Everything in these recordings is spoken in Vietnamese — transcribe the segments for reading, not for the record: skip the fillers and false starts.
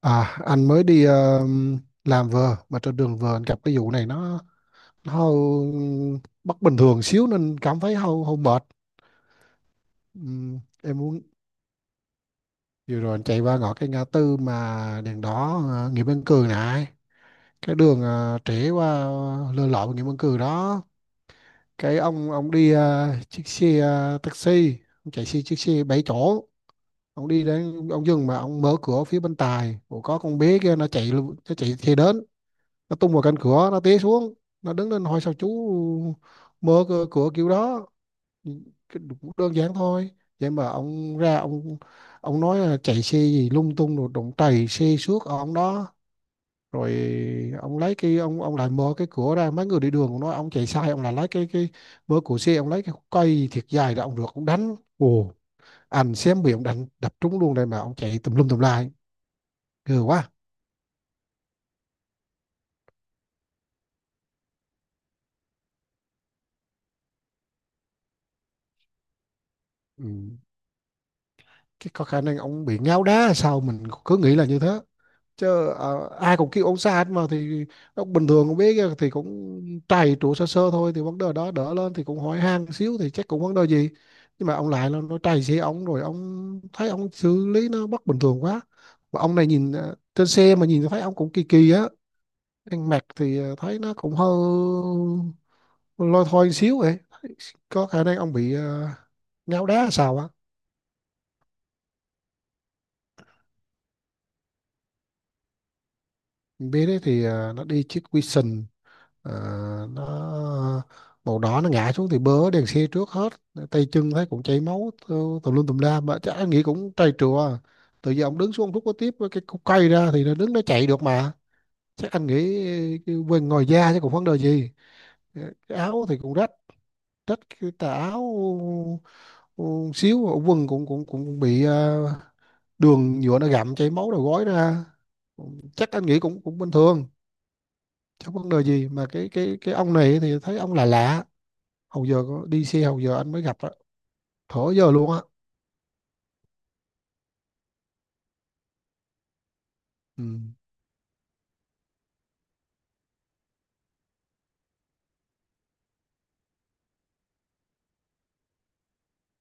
À, anh mới đi làm vừa mà trên đường vừa anh gặp cái vụ này nó hơi bất bình thường xíu nên cảm thấy hơi hơi mệt. Em muốn vừa rồi anh chạy qua ngõ cái ngã tư mà đèn đỏ Nguyễn Văn Cừ này, cái đường trễ qua Lê Lợi Nguyễn Văn Cừ đó. Cái ông đi chiếc xe taxi, ông chạy xe chiếc xe 7 chỗ. Ông đi đến ông dừng mà ông mở cửa phía bên tài. Ủa, có con bé kia nó chạy xe đến, nó tung vào cạnh cửa, nó té xuống, nó đứng lên hỏi sao chú mở cửa, cửa kiểu đó. Cũng đơn giản thôi, vậy mà ông ra ông nói là chạy xe gì lung tung rồi đụng trầy xe xước ở ông đó, rồi ông lấy cái ông lại mở cái cửa ra, mấy người đi đường cũng nói ông chạy sai, ông lại lấy cái mở cửa xe, ông lấy cái cây thiệt dài ra ông được ông đánh ồ, anh xem bị ông đánh đập trúng luôn đây, mà ông chạy tùm lum tùm lai, ghê quá. Ừ. Cái có khả năng ông bị ngáo đá hay sao, mình cứ nghĩ là như thế chứ ai cũng kêu ông xa hết, mà thì nó bình thường cũng biết thì cũng trầy trụ sơ sơ thôi, thì vấn đề đó đỡ lên thì cũng hỏi han xíu thì chắc cũng vấn đề gì. Nhưng mà ông lại là nó trầy xe ông, rồi ông thấy ông xử lý nó bất bình thường quá, và ông này nhìn trên xe mà nhìn thấy ông cũng kỳ kỳ á, ăn mặc thì thấy nó cũng hơi lôi thôi xíu vậy, có khả năng ông bị ngáo đá sao á. Bế đấy thì nó đi chiếc Vision. Ờ, nó màu đỏ, nó ngã xuống thì bớ đèn xe trước hết, tay chân thấy cũng chảy máu tùm tùm lum tùm la, mà chắc anh nghĩ cũng trầy trùa. Tự giờ ông đứng xuống ông rút có tiếp với cái cục cây ra thì nó đứng nó chạy được mà, chắc anh nghĩ cái quên ngồi da chứ còn vấn đề gì. Ờ, cái áo thì cũng rách, rách cái tà áo ừ, xíu, quần cũng cũng cũng bị đường nhựa nó gặm chảy máu đầu gối ra, chắc anh nghĩ cũng cũng bình thường chứ vấn đề gì. Mà cái ông này thì thấy ông là lạ lạ. Hầu giờ có đi xe, hầu giờ anh mới gặp á, thở giờ luôn á. Ừ.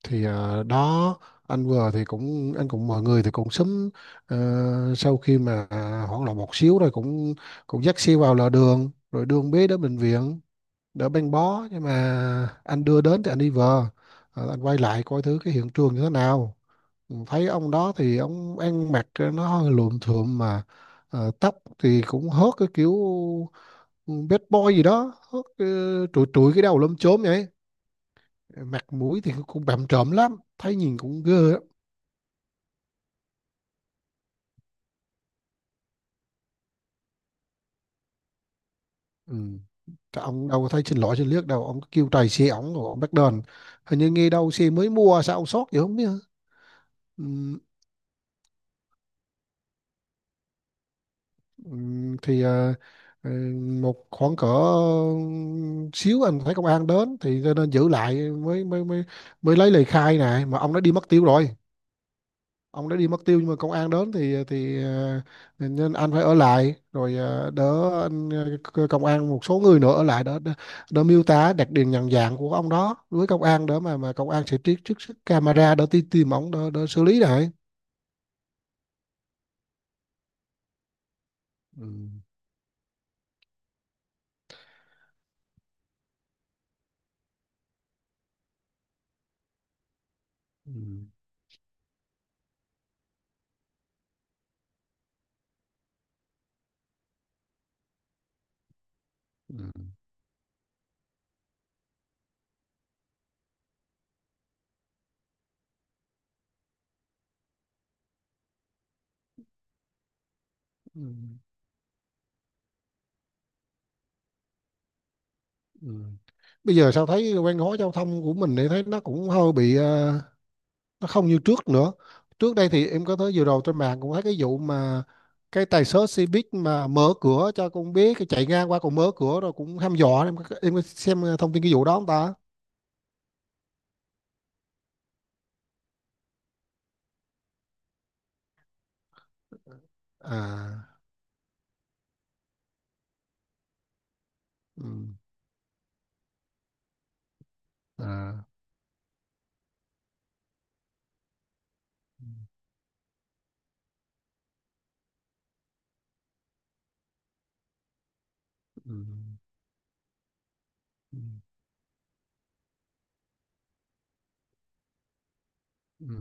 Thì đó, anh vừa thì cũng anh cũng mọi người thì cũng sớm, ờ, sau khi mà hoảng loạn một xíu rồi cũng cũng dắt xe vào lề đường rồi đưa con bé đến bệnh viện đỡ băng bó, nhưng mà anh đưa đến thì anh đi về. Ờ, anh quay lại coi thứ cái hiện trường như thế nào. Ừ, thấy ông đó thì ông ăn mặc nó hơi luộm thuộm mà, tóc thì cũng hớt cái kiểu, Ừ, bad boy gì đó. Hớt, trụi trụi cái đầu lom chốm vậy, mặt mũi thì cũng bặm trợn lắm, thấy nhìn cũng ghê lắm. Ừ. Cái ông đâu có thấy xin lỗi xin liếc đâu, ông cứ kêu tài xế ổng rồi ông bắt đền, hình như nghe đâu xe mới mua sao ông sót vậy không biết hả? Ừ. ừ, thì ờ, một khoảng cỡ xíu anh thấy công an đến thì cho nên giữ lại, mới mới lấy lời khai này, mà ông đã đi mất tiêu rồi. Ông đã đi mất tiêu, nhưng mà công an đến thì nên anh phải ở lại rồi đỡ anh, công an một số người nữa ở lại đỡ đỡ, đỡ miêu tả đặc điểm nhận dạng của ông đó với công an, đỡ mà công an sẽ trích trích xuất camera, đỡ tìm tìm ông đỡ, đỡ xử lý lại. Ừ. Ừ. Ừ. Ừ. Ừ. Bây giờ sao thấy quen gói giao thông của mình thì thấy nó cũng hơi bị nó không như trước nữa. Trước đây thì em có thấy vừa rồi trên mạng cũng thấy cái vụ mà cái tài xế xe buýt mà mở cửa cho con bé cái chạy ngang qua còn mở cửa rồi cũng hăm dọa, em có xem thông tin cái vụ đó không ta? À. Ừ. À. Ừ. Ừ. Ừ.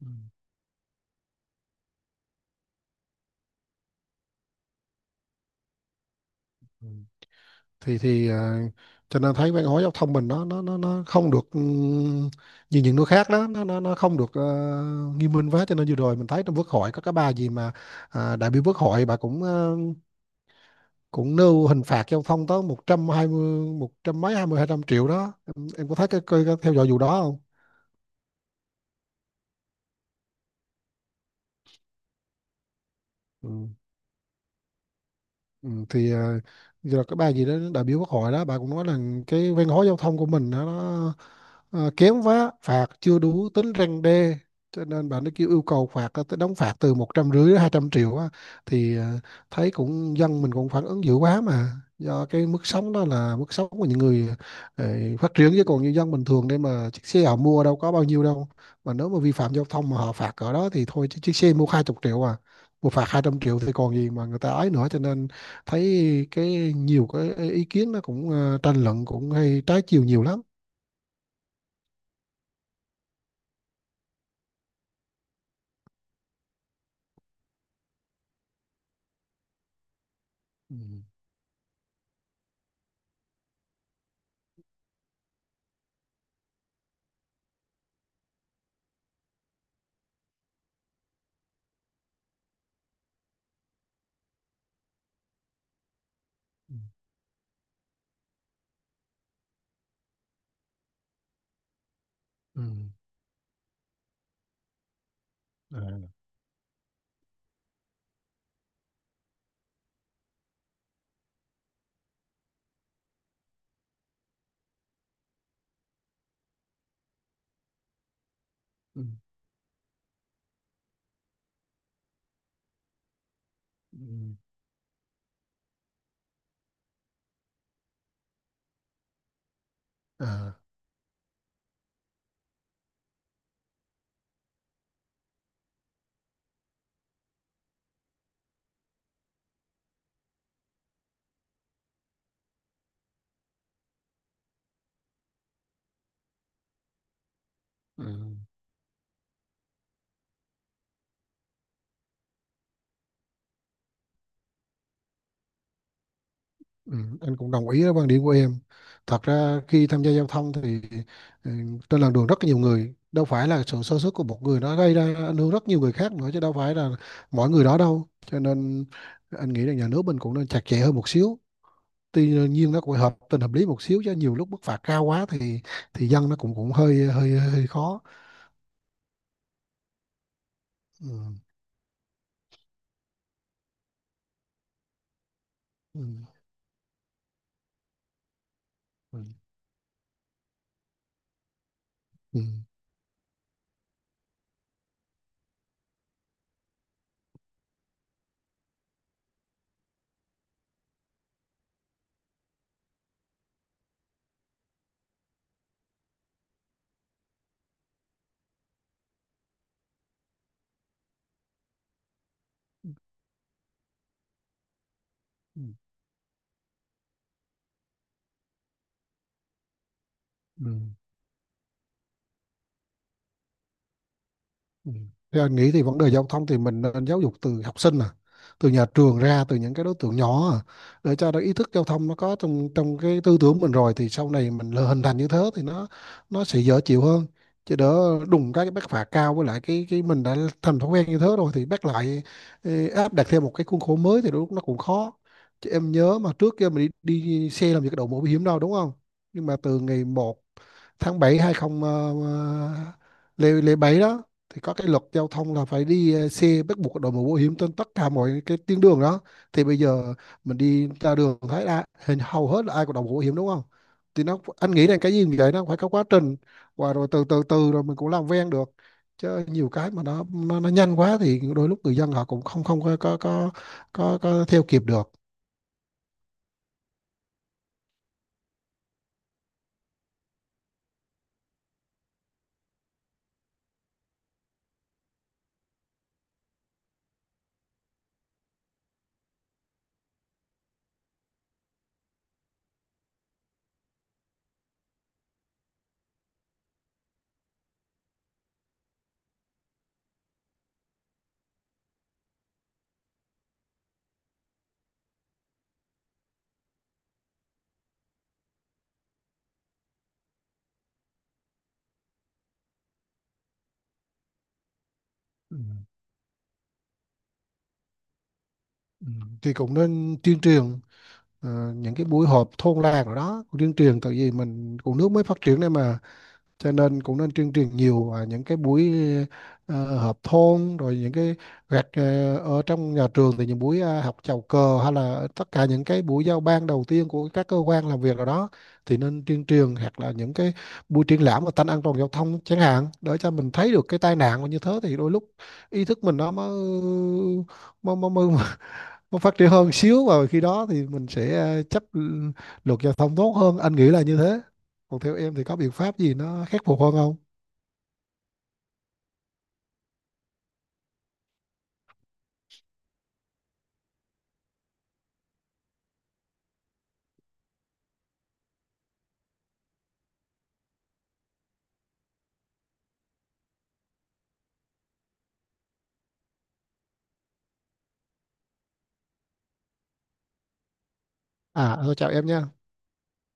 Ừ. Ừ. Thì cho nên thấy văn hóa giao thông mình nó không được như những nước khác đó, nó không được nghiêm minh quá. Cho nên vừa rồi mình thấy trong quốc hội có cái bà gì mà đại biểu quốc hội, bà cũng cũng nêu hình phạt cho ông Thông tới 120 100 mấy 20 200 triệu đó em có thấy cái theo dõi vụ đó không? Ừ. Ừ, thì rồi cái bà gì đó đại biểu quốc hội đó, bà cũng nói là cái văn hóa giao thông của mình đó, nó kém quá, phạt chưa đủ tính răn đe, cho nên bà nó kêu yêu cầu phạt tới đóng phạt từ 150 đến 200 triệu á. Thì thấy cũng dân mình cũng phản ứng dữ quá, mà do cái mức sống đó là mức sống của những người ờ, phát triển, chứ còn như dân bình thường đây mà chiếc xe họ mua đâu có bao nhiêu đâu, mà nếu mà vi phạm giao thông mà họ phạt ở đó thì thôi, chứ chiếc xe mua 20 triệu à, một phạt 200 triệu thì còn gì mà người ta ấy nữa. Cho nên thấy cái nhiều cái ý kiến nó cũng tranh luận cũng hay trái chiều nhiều lắm. Ừ. Ừ. Ừ. À. Ừ. Ừ. À. Ừ. Ừ. Anh cũng đồng ý với quan điểm của em, thật ra khi tham gia giao thông thì ừ, trên làn đường rất nhiều người, đâu phải là sự sơ suất của một người nó gây ra ảnh hưởng rất nhiều người khác nữa, chứ đâu phải là mỗi người đó đâu. Cho nên anh nghĩ là nhà nước mình cũng nên chặt chẽ hơn một xíu, tuy nhiên nó cũng hợp tình hợp lý một xíu, chứ nhiều lúc mức phạt cao quá thì dân nó cũng cũng hơi hơi hơi khó. Ừ. Ừ. Ừ. Ừ. Ừ. Ừ. Ừ. Theo anh nghĩ thì vấn đề giao thông thì mình nên giáo dục từ học sinh, từ nhà trường ra, từ những cái đối tượng nhỏ, để cho nó ý thức giao thông nó có trong trong cái tư tưởng mình rồi, thì sau này mình lỡ hình thành như thế thì nó sẽ dễ chịu hơn. Chứ đỡ đùng cái bắt phạt cao, với lại cái mình đã thành thói quen như thế rồi thì bắt lại ê, áp đặt theo một cái khuôn khổ mới thì đôi lúc nó cũng khó. Chứ em nhớ mà trước kia mình đi xe làm gì có đội mũ bảo hiểm đâu đúng không? Nhưng mà từ ngày một tháng 7 20 lễ lễ 7 đó, thì có cái luật giao thông là phải đi xe bắt buộc đội mũ bảo hiểm trên tất cả mọi cái tuyến đường đó. Thì bây giờ mình đi ra đường thấy là hình hầu hết là ai có đội mũ bảo hiểm đúng không? Thì nó anh nghĩ là cái gì như vậy nó phải có quá trình, và rồi từ từ từ rồi mình cũng làm quen được, chứ nhiều cái mà nó nhanh quá thì đôi lúc người dân họ cũng không không có theo kịp được. Ừ. Ừ. Thì cũng nên tuyên truyền những cái buổi họp thôn làng rồi đó, tuyên truyền tại vì mình cũng nước mới phát triển đây mà, cho nên cũng nên tuyên truyền nhiều, những cái buổi họp thôn, rồi những cái gạch ở trong nhà trường thì những buổi học chào cờ, hay là tất cả những cái buổi giao ban đầu tiên của các cơ quan làm việc nào đó, thì nên tuyên truyền, hoặc là những cái buổi triển lãm về tanh an toàn giao thông chẳng hạn, để cho mình thấy được cái tai nạn mà như thế thì đôi lúc ý thức mình nó mới mới nó phát triển hơn xíu, và khi đó thì mình sẽ chấp luật giao thông tốt hơn, anh nghĩ là như thế. Còn theo em thì có biện pháp gì nó khắc phục hơn không? À thôi, chào em nha.